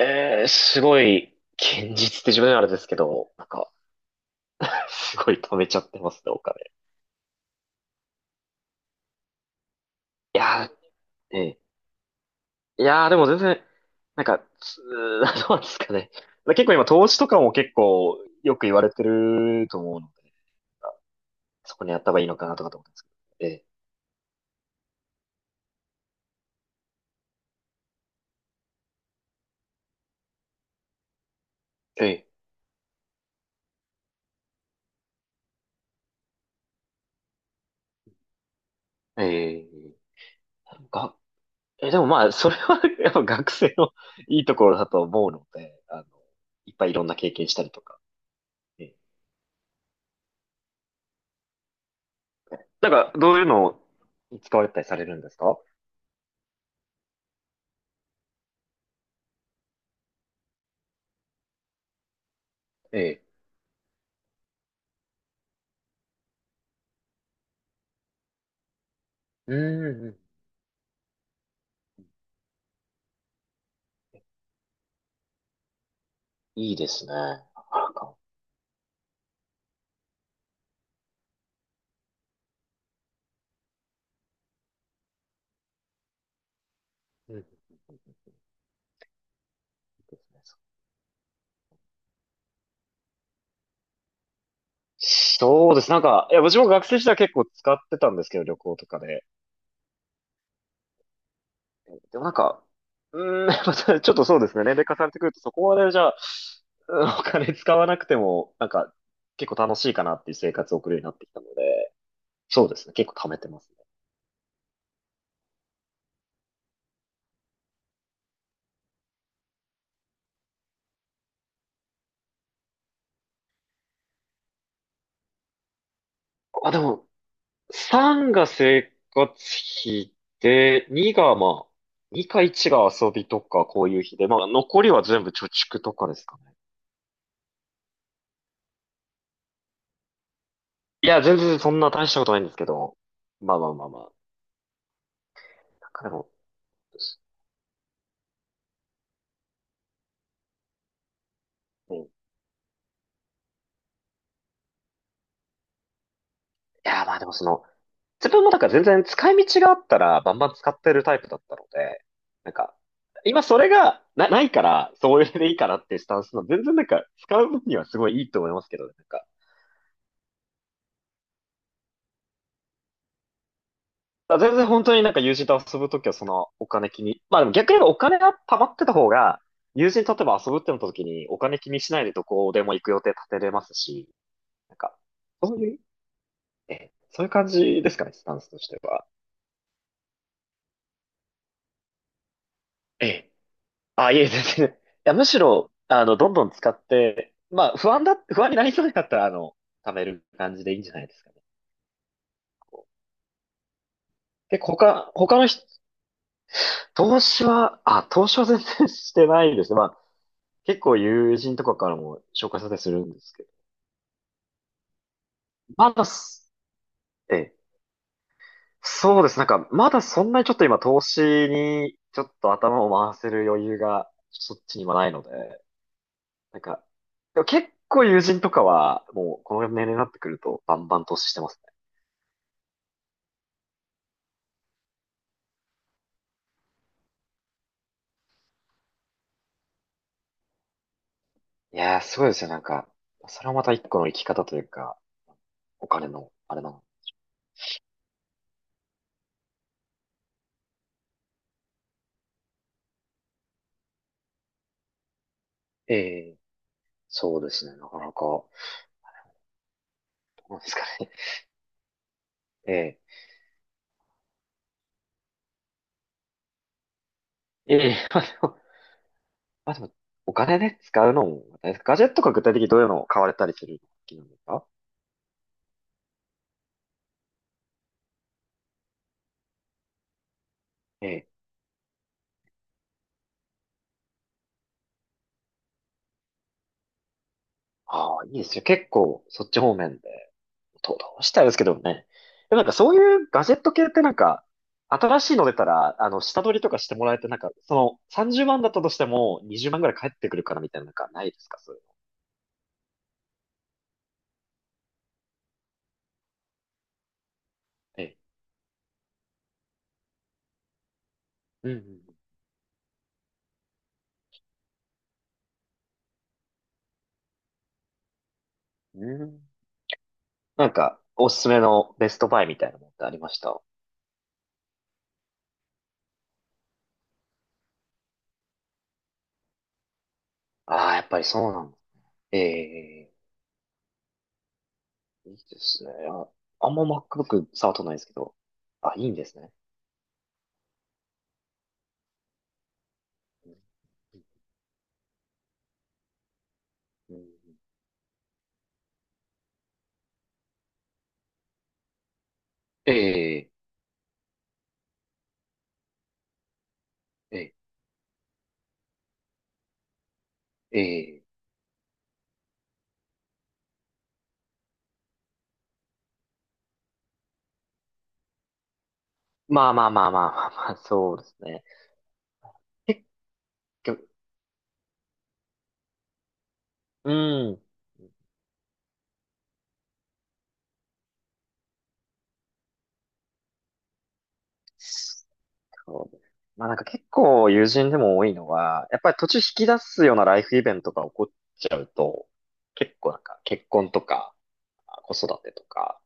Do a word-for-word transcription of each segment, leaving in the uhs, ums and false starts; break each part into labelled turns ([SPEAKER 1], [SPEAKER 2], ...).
[SPEAKER 1] えー、すごい、現実って自分ではあれですけど、なんか、すごい貯めちゃってますね、お金。いやー。ええ。いやー、でも全然、なんか、つー どうなんですかね。結構今、投資とかも結構、よく言われてると思うので、そこにやった方がいいのかなとかと思うんですけど。ええ、ええ、ええ、が、え、でもまあ、それは やっぱ学生のいいところだと思うので、あの、いっぱいいろんな経験したりとか。ええ、なんか、どういうのを使われたりされるんですか？ええ。うん。いいですね。なかなか。うん。そうです。なんか、いや、私も学生時代結構使ってたんですけど、旅行とかで。でもなんか、うーん、またちょっとそうですね。年齢重ねてくると、そこまでじゃあ、うんお金使わなくても、なんか、結構楽しいかなっていう生活を送るようになってきたので、そうですね。結構貯めてますね。あ、でも、さんが生活費で、にがまあ、にかいちが遊びとかこういう日で、まあ残りは全部貯蓄とかですかね。いや、全然そんな大したことないんですけど、まあまあまあまあ、なんかでも、うんいや、まあでもその、自分もなんか全然使い道があったらバンバン使ってるタイプだったので、なんか、今それがな、ないから、それでいいかなっていうスタンスの、全然なんか使う分にはすごいいいと思いますけどね、なんか。あ、全然本当になんか友人と遊ぶときはそのお金気に。まあでも逆に言えばお金が溜まってた方が、友人と例えば遊ぶってなったときにお金気にしないでどこでも行く予定立てれますし、なんか、そういう、ええ、そういう感じですかね、スタンスとしては。ええ。あ、いえ、全然。いや、むしろ、あの、どんどん使って、まあ不安だ、不安になりそうだったら、あの、貯める感じでいいんじゃないですかね。こうで、他、他の人、投資は、あ、投資は全然 してないですね。まあ、結構友人とかからも紹介されたりするんですけど。まだす。ええ。そうです。なんか、まだそんなにちょっと今投資にちょっと頭を回せる余裕がそっちにはないので、なんか、でも結構友人とかはもうこの年齢になってくるとバンバン投資してますね。いやー、すごいですよ。なんか、それはまたいっこの生き方というか、お金の、あれなの。ええ、そうですね。なかなか、どうですかね。ええ。ええ、まあでもまあでも、お金で使うのも、ですかガジェットが具体的にどういうのを買われたりするのが好きなんですか？ええ。ああ、いいですよ。結構、そっち方面で、ど、どうしたいですけどね。でもなんかそういうガジェット系ってなんか、新しいの出たら、あの、下取りとかしてもらえて、なんか、その、さんじゅうまんだったとしても、にじゅうまんぐらい返ってくるからみたいな、なんかないですかそういうの？ええ。うんうんうん。うんなんか、おすすめのベストバイみたいなのってありました？ああ、やっぱりそうなんだ。ええ。いいですね。あ、あんま MacBook 触っとないですけど。あ、いいんですね。うんうんうん。ええ、ええ、ええ。まあまあまあまあまあまあ、そうですね。結局、うん。そうです。まあなんか結構友人でも多いのは、やっぱり途中引き出すようなライフイベントが起こっちゃうと、結構なんか結婚とか子育てとか、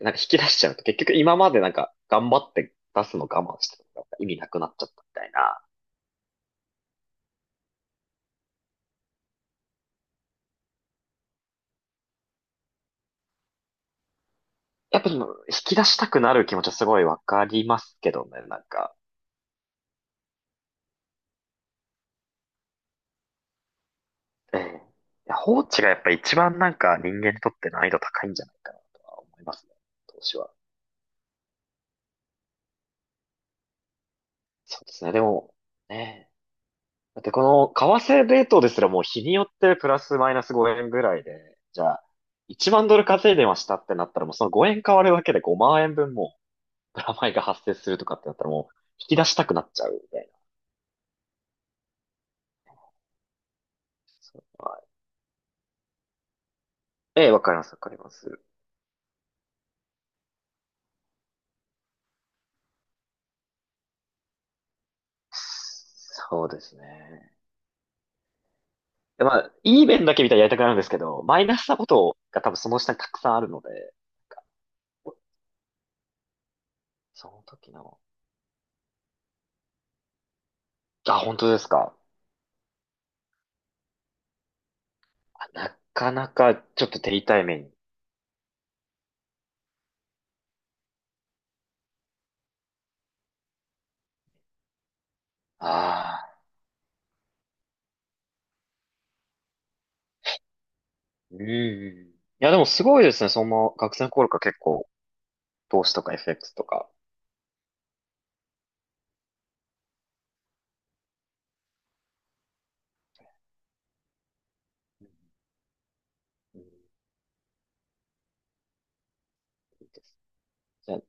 [SPEAKER 1] なんか引き出しちゃうと結局今までなんか頑張って出すの我慢してたのが意味なくなっちゃったみたいな。やっぱりもう引き出したくなる気持ちはすごいわかりますけどね、なんか。ええ。いや放置がやっぱ一番なんか人間にとって難易度高いんじゃないかなとは思いますね。投資は。そうですね。でも、ねえ。だってこの為替レートですらもう日によってプラスマイナスごえんぐらいで、じゃあいちまんドル稼いでましたってなったらもうそのごえん変わるだけでごまん円分もプラマイが発生するとかってなったらもう引き出したくなっちゃうみたいな。はい。ええ、わかります、わかります。そうですね。でまあ、いい面だけ見たらやりたくなるんですけど、マイナスなことが多分その下にたくさんあるので、なんかその時の、あ、本当ですか？あ、なかなかちょっと手痛い目に。ああ、うん、いや、でもすごいですね。その学生の頃から結構、投資とかエフエックスとか。うん、いいです。じゃあ、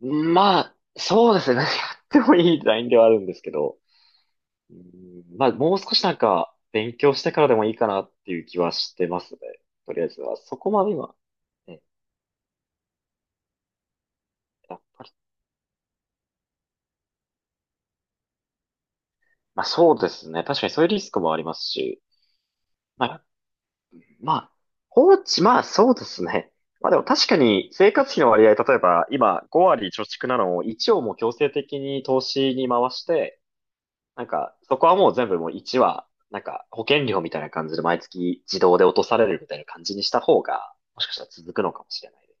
[SPEAKER 1] まあ、そうですね。何やってもいいラインではあるんですけど、うん、まあ、もう少しなんか、勉強してからでもいいかなっていう気はしてますね。とりあえずは。そこまで今。ね、やっぱり。まあそうですね。確かにそういうリスクもありますし。まあ、まあ、放置、まあそうですね。まあでも確かに生活費の割合、例えば今ご割貯蓄なのをいちをもう強制的に投資に回して、なんかそこはもう全部もういちは、なんか保険料みたいな感じで毎月自動で落とされるみたいな感じにした方が、もしかしたら続くのかもしれないで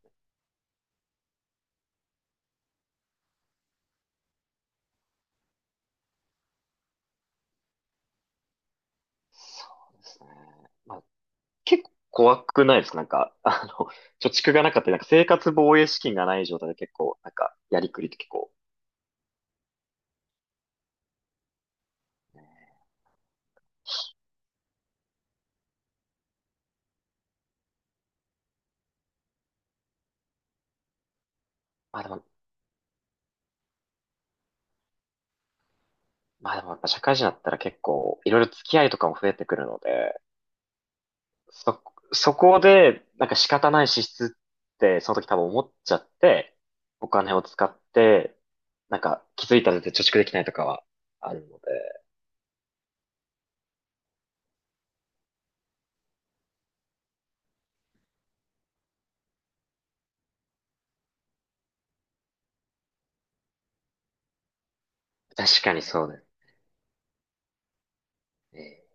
[SPEAKER 1] す。そうですね。まあ結構怖くないですかなんか、あの、貯蓄がなかったり、なんか生活防衛資金がない状態で結構、なんか、やりくりって結構、ね。まあでも、まあでもやっぱ社会人だったら結構、いろいろ付き合いとかも増えてくるので、そ、そこで、なんか仕方ない支出って、その時多分思っちゃって、お金を使って、なんか気づいたら貯蓄できないとかはあるので、確かにそうだよね。